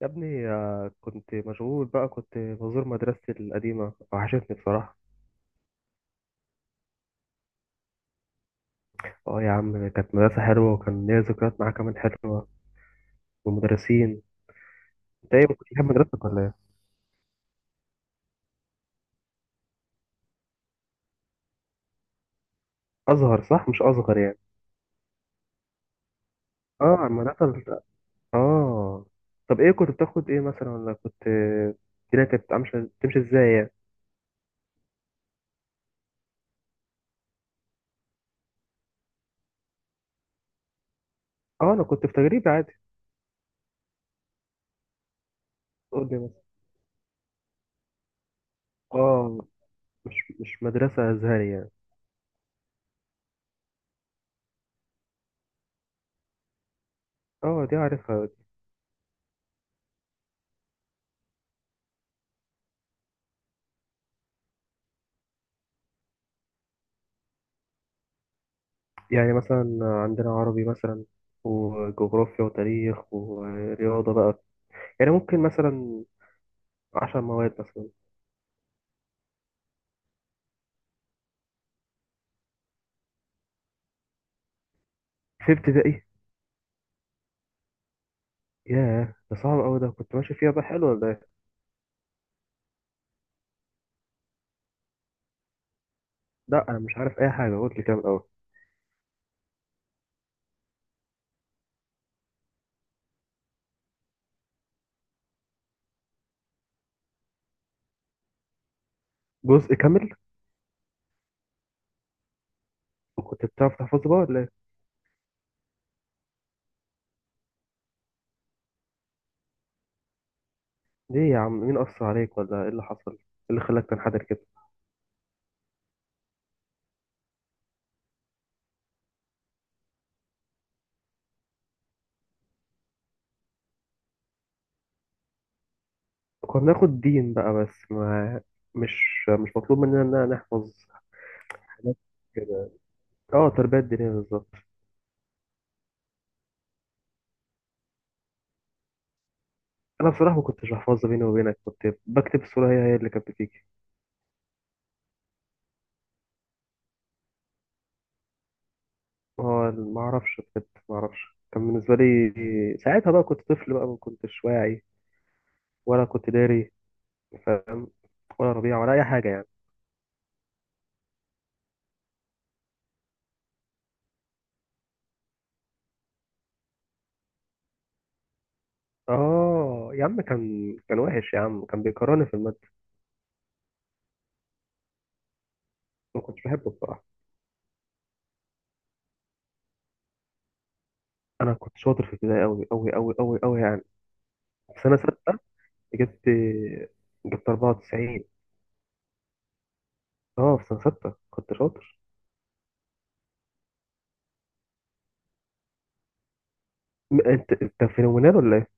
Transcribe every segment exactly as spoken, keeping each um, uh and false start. يا ابني، آه، كنت مشغول بقى، كنت بزور مدرستي القديمة، وحشتني بصراحة. اه، يا عم كانت مدرسة حلوة، وكان ليا ذكريات معاها كمان حلوة، والمدرسين. انت ايه، كنت بتحب مدرستك ولا ايه؟ أزهر، صح؟ مش أصغر يعني. اه، المدرسة ال- اه. طب ايه كنت بتاخد ايه مثلا، ولا كنت الدنيا كانت عاملة تمشي ازاي يعني؟ اه، انا كنت في تجريبي عادي. قول لي مثلا. اه، مش مش مدرسة أزهري يعني. اه، دي عارفها. يعني مثلا عندنا عربي مثلا، وجغرافيا وتاريخ ورياضة بقى. يعني ممكن مثلا عشر مواد مثلا. في ابتدائي. ياه، ده صعب أوي، ده كنت ماشي فيها بقى حلو ولا ايه؟ لأ، أنا مش عارف أي حاجة، قلت لي كده من الأول. جزء كامل. وكنت بتعرف تحفظه بقى ولا ايه؟ ليه يا عم؟ مين أثر عليك ولا ايه اللي حصل؟ ايه اللي خلاك تنحدر كده؟ كنا بناخد دين بقى، بس ما مش مش مطلوب مننا إن أنا نحفظ حاجات كده. اه، تربية دينية بالظبط. انا بصراحه ما كنتش بحفظها، بيني وبينك كنت بكتب الصوره هي هي اللي كانت بتيجي. ما هو ما اعرفش، بجد ما اعرفش، كان بالنسبه لي ساعتها بقى كنت طفل بقى، ما كنتش واعي ولا كنت داري، فاهم، ولا ربيع ولا اي حاجه يعني. اه، يا عم كان كان وحش، يا عم كان بيكرهني في الماده. ما كنتش بحبه بصراحه. انا كنت شاطر في ابتدائي قوي قوي قوي قوي قوي يعني. في سنه سته جبت جبت أربعة وتسعين. اه، في سنه سته كنت شاطر. م- انت انت في نونال ولا إيه؟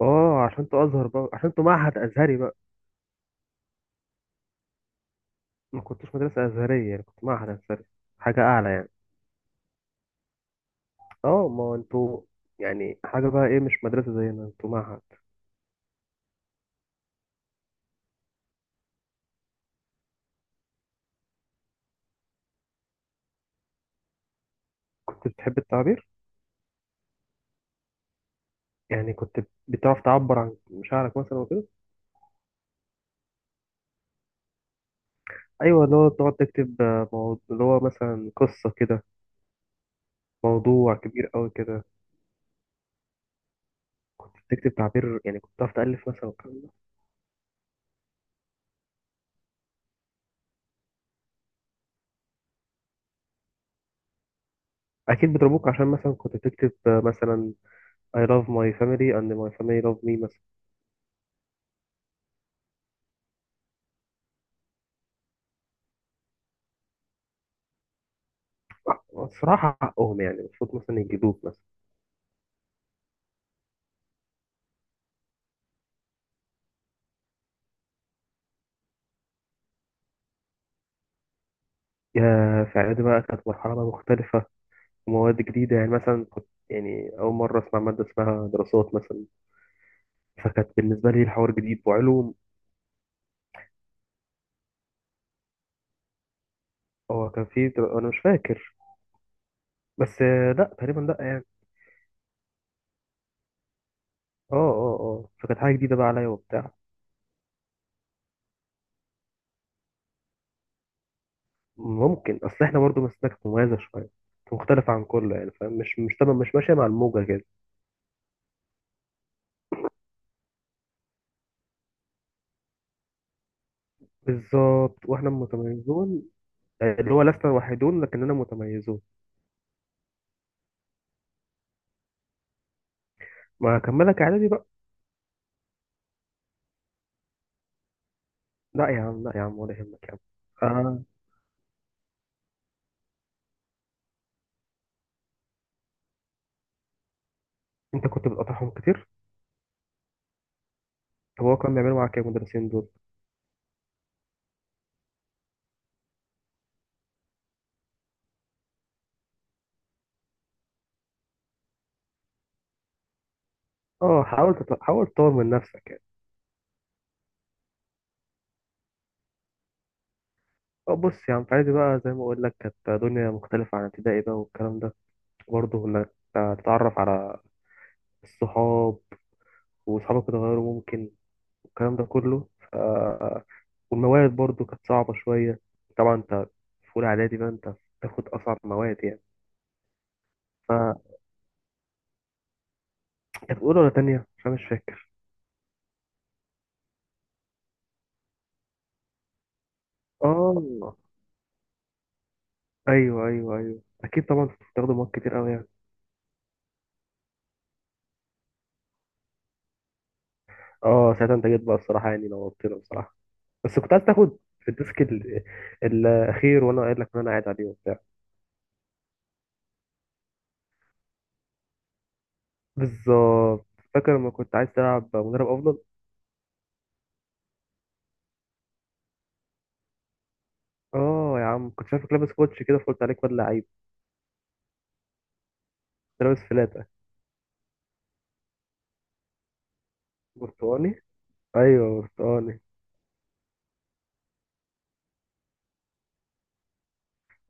اه، عشان انتوا ازهر بقى، عشان انتوا معهد ازهري بقى. ما كنتوش مدرسه ازهريه يعني، كنت معهد ازهري، حاجه اعلى يعني. اه، ما هو انتوا يعني حاجه بقى، ايه، مش مدرسه زينا، انتوا معهد. كنت بتحب التعبير، يعني كنت بتعرف تعبر عن مشاعرك مثلا وكده. ايوه، اللي هو تقعد تكتب آه، موضوع، اللي هو مثلا قصه كده، موضوع كبير قوي كده. كنت بتكتب تعبير، يعني كنت بتعرف تألف مثلا والكلام ده. اكيد بيضربوك عشان مثلا كنت بتكتب آه، مثلا I love my family and my family love me مثلا. الصراحة حقهم، يعني المفروض مثلا يجيبوك مثلا. يا في إعدادي بقى كانت مرحلة بقى مختلفة. ومواد جديدة، يعني مثلا كنت يعني أول مرة أسمع مادة اسمها دراسات مثلا، فكانت بالنسبة لي الحوار جديد، وعلوم. هو كان في در... أنا مش فاكر. بس آه، لأ تقريبا، لأ يعني. اه، اه، اه، فكانت حاجة جديدة بقى عليا وبتاع. ممكن. أصل إحنا برضه مسلكنا كانت مميزة شوية. كانت مختلفة عن كله يعني، فاهم، مش مش تمام، مش ماشية مع الموجة كده. بالظبط، وإحنا متميزون. آه، اللي هو لسنا وحيدون لكننا متميزون. ما أكملك إعدادي بقى. لا يا عم، لا يا عم، ولا يهمك يا عم. آه. انت كنت بتقطعهم كتير؟ طب هو كان بيعملوا معاك ايه المدرسين دول؟ اه، حاول تطلع حاول تطور من نفسك يعني. اه، بص يا عم، في اعدادي بقى زي ما اقول لك كانت دنيا مختلفة عن ابتدائي بقى والكلام ده. برضه انك تتعرف على الصحاب، وصحابك اتغيروا ممكن، والكلام ده كله ف... والمواد برضه كانت صعبة شوية. طبعا انت في اولى اعدادي بقى، انت بتاخد اصعب مواد يعني. فانت في اولى ولا تانية؟ عشان مش فاكر. اه، ايوه، ايوه، ايوه، اكيد طبعا بتستخدم مواد كتير قوي يعني. اه، ساعتها انت جيت بقى الصراحه، يعني نورتنا بصراحه. بس كنت عايز تاخد في الديسك ال- الاخير، وانا قايل لك ان انا قاعد عليه وبتاع. بالظبط. فاكر لما كنت عايز تلعب مدرب افضل؟ اه، يا عم كنت شايفك لابس كوتش كده، فقلت عليك واد لعيب. كنت لابس فلاته. برتقاني. ايوه، برتقاني.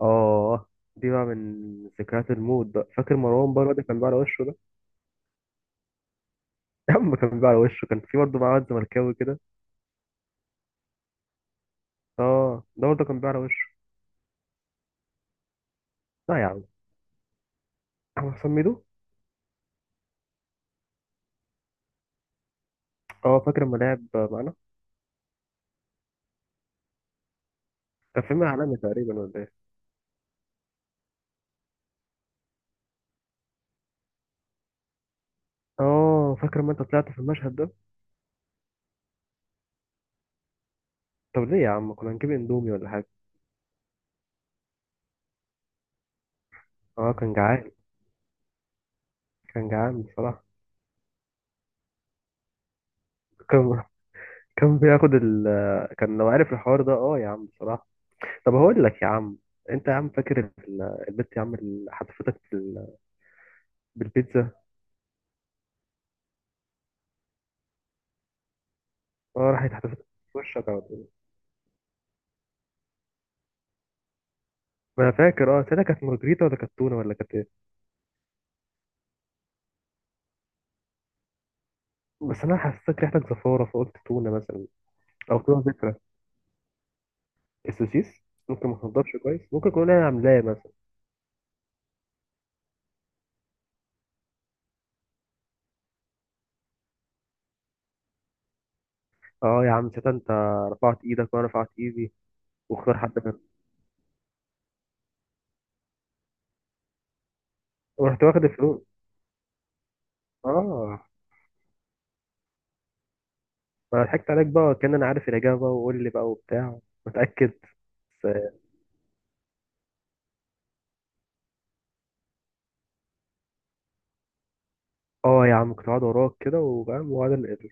اه، دي بقى من ذكريات الموت بقى. فاكر مروان بره ده كان بيعرى وشه ده؟ يا عم، كان بيعرى وشه، كان في برضه بقى واد زملكاوي كده. اه، ده برضه كان بيعرى وشه. لا يا عم، هو حسام ميدو. اه، فاكر لما لعب معانا. كان فيلم عالمي تقريبا ولا ايه؟ اه، فاكر ما انت طلعت في المشهد ده. طب ليه يا عم؟ كنا هنجيب اندومي ولا حاجه. اه، كان جعان. كان جعان بصراحه. كان كان بياخد ال كان لو عارف الحوار ده، اه يا عم بصراحه. طب هقول لك يا عم. انت يا عم فاكر ال- البت يا عم اللي حتفتك بال- بالبيتزا؟ اه، راحت حتفتك في وشك على طول. ما انا فاكر، اه ساعتها كانت مارجريتا ولا كانت تونه ولا كانت ايه؟ بس انا حسيت ريحتك زفاره فقلت تونه مثلا. او تونه. السوسيس ممكن ما تنضفش كويس، ممكن يكون انا عاملاه مثلا. اه يا عم، شتا. انت رفعت ايدك وانا رفعت ايدي، واختار حد غيرنا، ورحت واخد الفلوس. اه، ما أنا ضحكت عليك بقى، كان انا عارف الاجابه، وقول لي بقى وبتاع متاكد. بس. اه يا عم، كنت قاعد وراك كده وفاهم وقعد ال-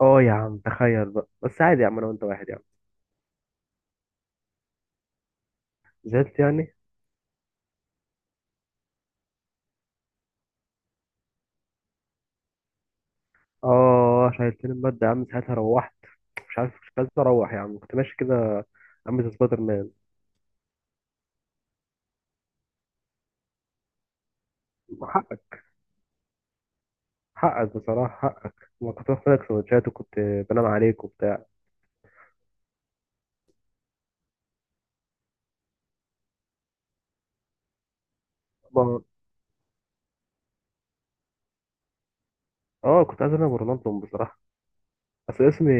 اه يا عم، تخيل بقى، بس عادي يا عم، انا وانت واحد يا عم. زعلت يعني؟ اه، شايلتني المادة يا عم ساعتها، روحت مش عارف، مش عايز اروح يا عم، كنت ماشي كده عم زي سبايدر مان. حقك بصراحة، حقك. ما كنت باخد لك سندوتشات، وكنت بنام عليك وبتاع. ما- اه، كنت عايز انام رونالدو بصراحة. بس اسمي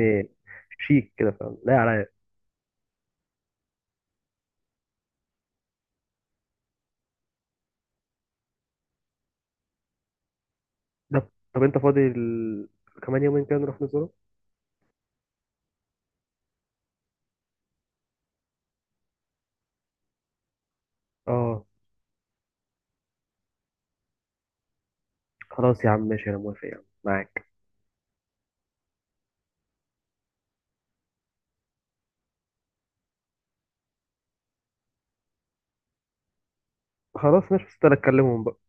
شيك كده، فاهم، لا عليا. ده طب انت فاضي ال... كمان يومين كده نروح نزوره. اه، خلاص يا عم ماشي، انا موافق يا عم معاك. خلاص ماشي، بس انا اكلمهم بقى.